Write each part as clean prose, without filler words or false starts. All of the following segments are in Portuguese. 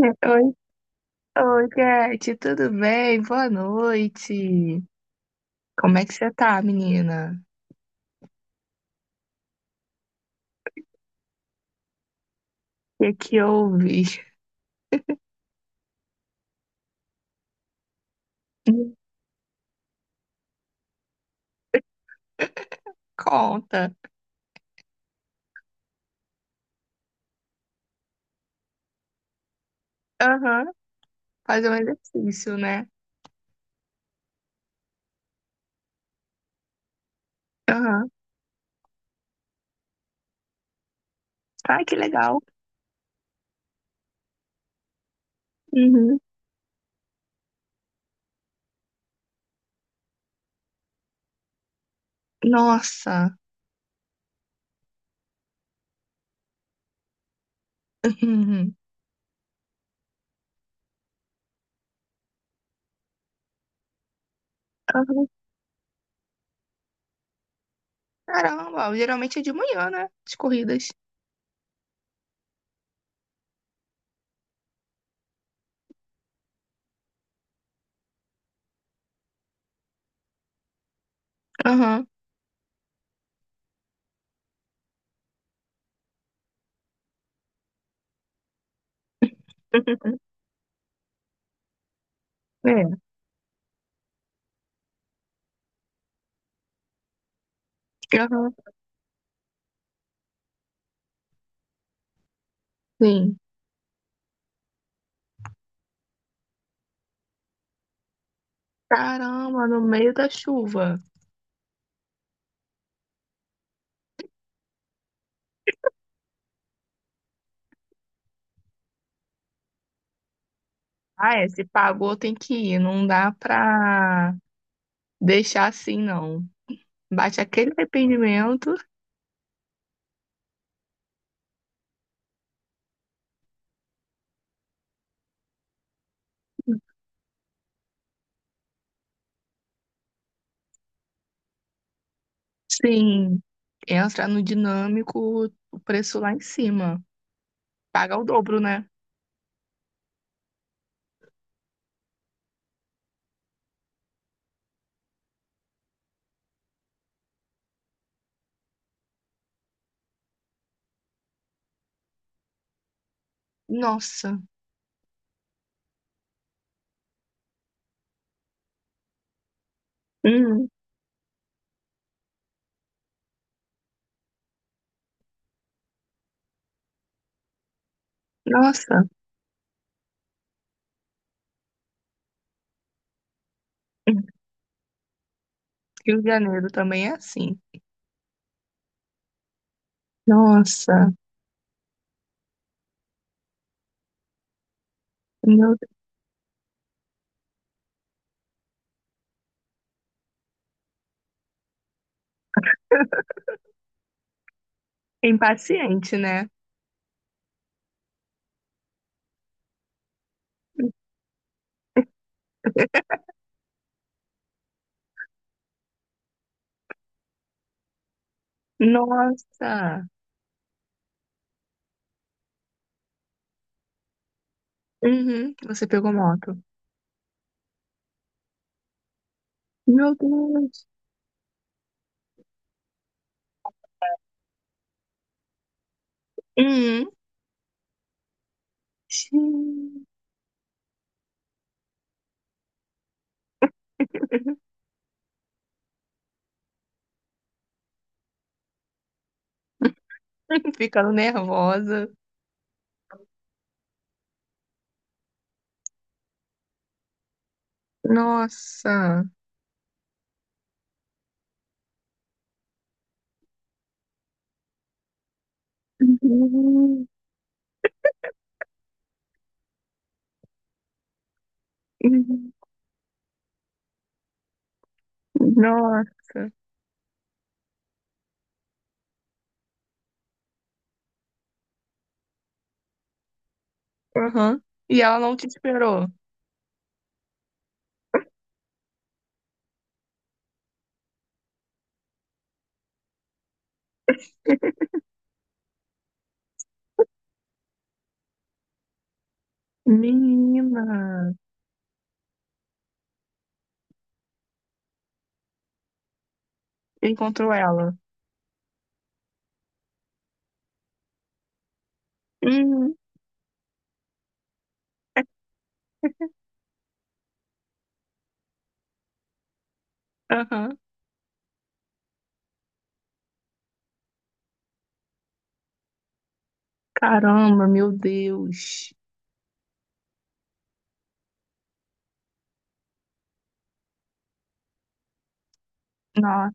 Oi, oi, Cat, tudo bem? Boa noite. Como é que você tá, menina? O que que houve? Me Conta. Aham, fazer um exercício, né? Aham. Ai, que legal. Uhum. Nossa. Uhum. Aham. Caramba, geralmente é de manhã, né? As corridas. Aham. É. Aham. Sim. Caramba, no meio da chuva. Ah, é, se pagou tem que ir, não dá pra deixar assim, não. Bate aquele arrependimento, sim, entra no dinâmico, o preço lá em cima. Paga o dobro, né? Nossa, hum, nossa. Hum, Rio de Janeiro também é assim. Nossa, meu... é impaciente, né? Nossa, uhum, você pegou moto. Meu Deus, uhum. Xiii. Ficando nervosa. Nossa, uhum. Uhum. Nossa. Aham. E ela não te esperou. Menina, encontrou ela. Hum, aham. Caramba, meu Deus. Nossa,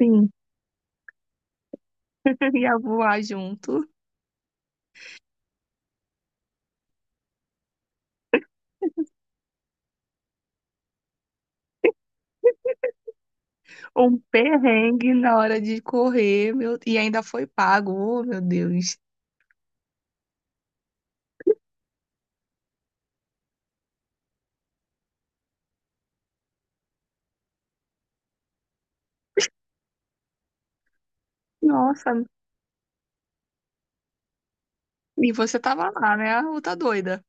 sim. Ia voar junto. Um perrengue na hora de correr, meu... e ainda foi pago. Oh, meu Deus. Nossa, e você tava lá, né? Ou tá doida?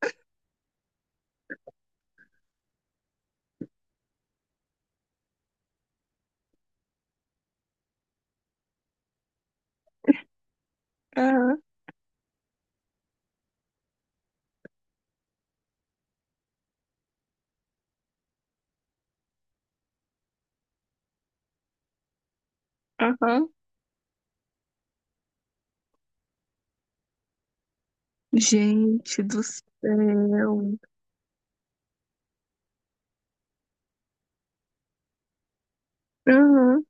Aham, aham. Gente do céu. Aham.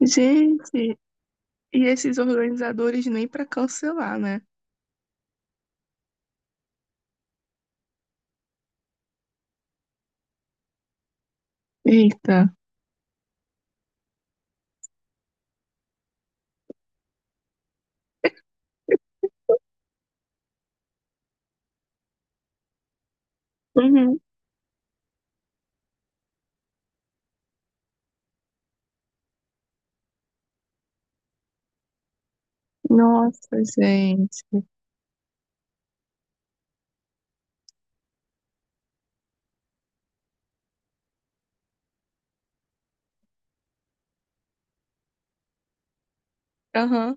Gente, e esses organizadores nem pra cancelar, né? Eita. Uhum. Nossa, gente. Aham.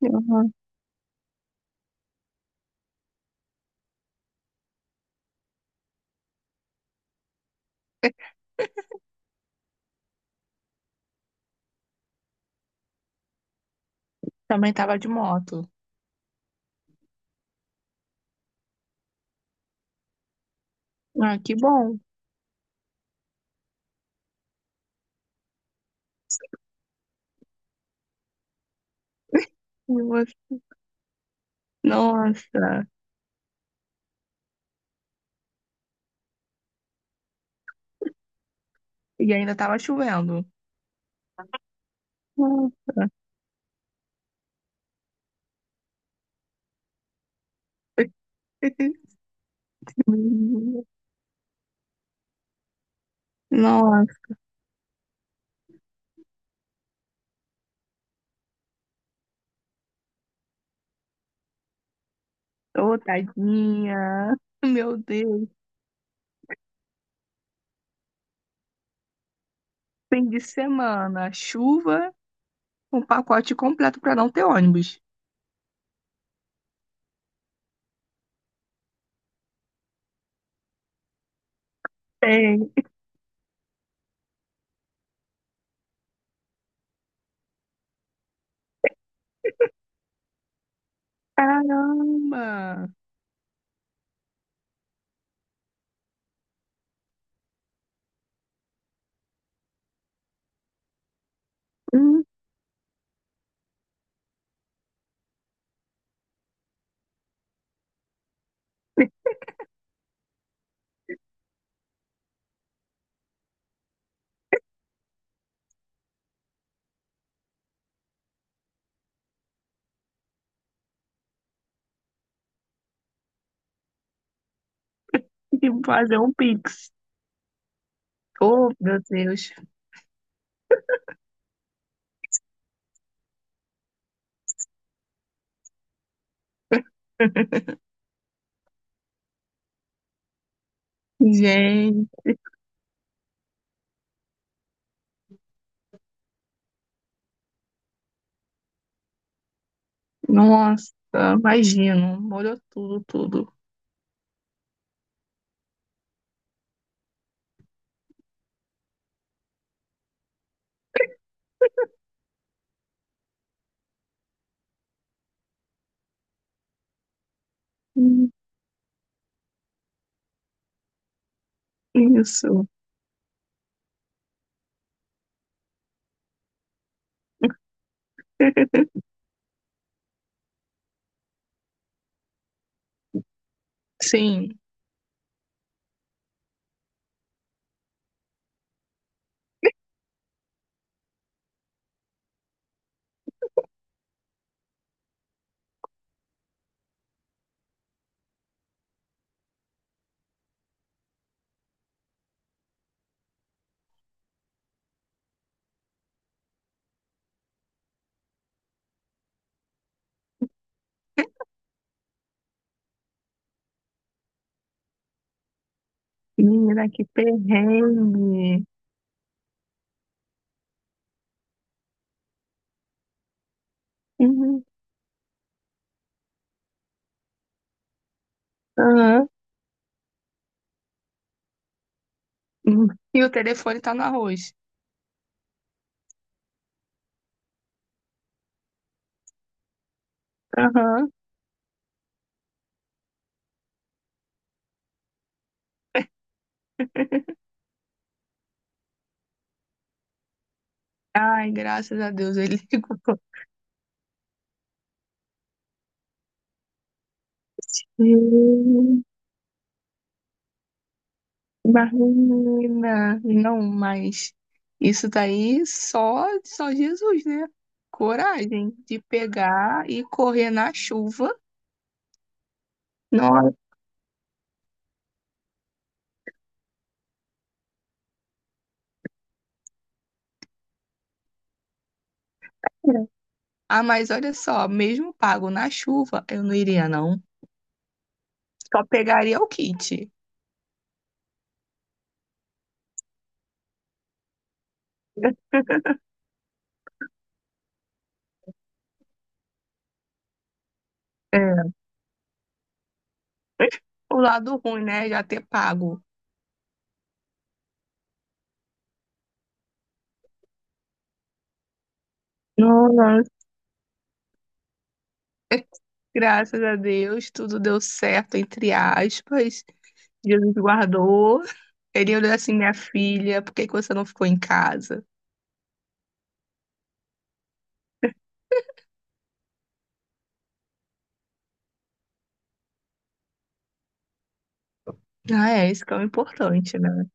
Uhum. Também tava de moto. Ah, que bom. Nossa. E ainda tava chovendo. Nossa. Nossa, ô, tadinha. Meu Deus. Fim de semana, chuva, um pacote completo pra não ter ônibus. Tem. Caramba. Hum, tem que fazer um Pix. Oh, meu Deus. Gente. Nossa, imagino, molhou tudo, tudo. Hum, Isso, sim. Menina, que perrengue. Uhum. Aham. Hum. E o telefone tá no arroz. Aham. Ai, graças a Deus, ele ligou. Hum, Marina, não, mas isso daí só, só Jesus, né? Coragem de pegar e correr na chuva. Nossa. Ah, mas olha só, mesmo pago na chuva, eu não iria, não. Só pegaria o kit. É. O lado ruim, né? Já ter pago. Nossa. Graças a Deus, tudo deu certo, entre aspas. Jesus guardou. Ele olhou assim, minha filha, por que que você não ficou em casa? Ah, é, isso que é o importante, né?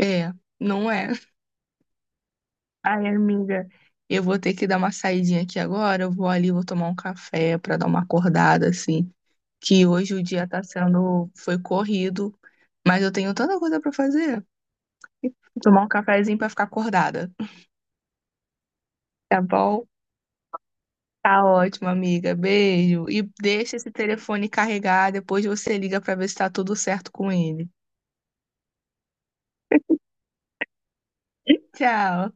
É, não é. Ai, amiga, eu vou ter que dar uma saidinha aqui agora. Eu vou ali, vou tomar um café pra dar uma acordada, assim, que hoje o dia tá sendo, foi corrido, mas eu tenho tanta coisa pra fazer. Vou tomar um cafezinho pra ficar acordada. Tá bom? Tá ótimo, amiga. Beijo. E deixa esse telefone carregar, depois você liga pra ver se tá tudo certo com ele. Tchau.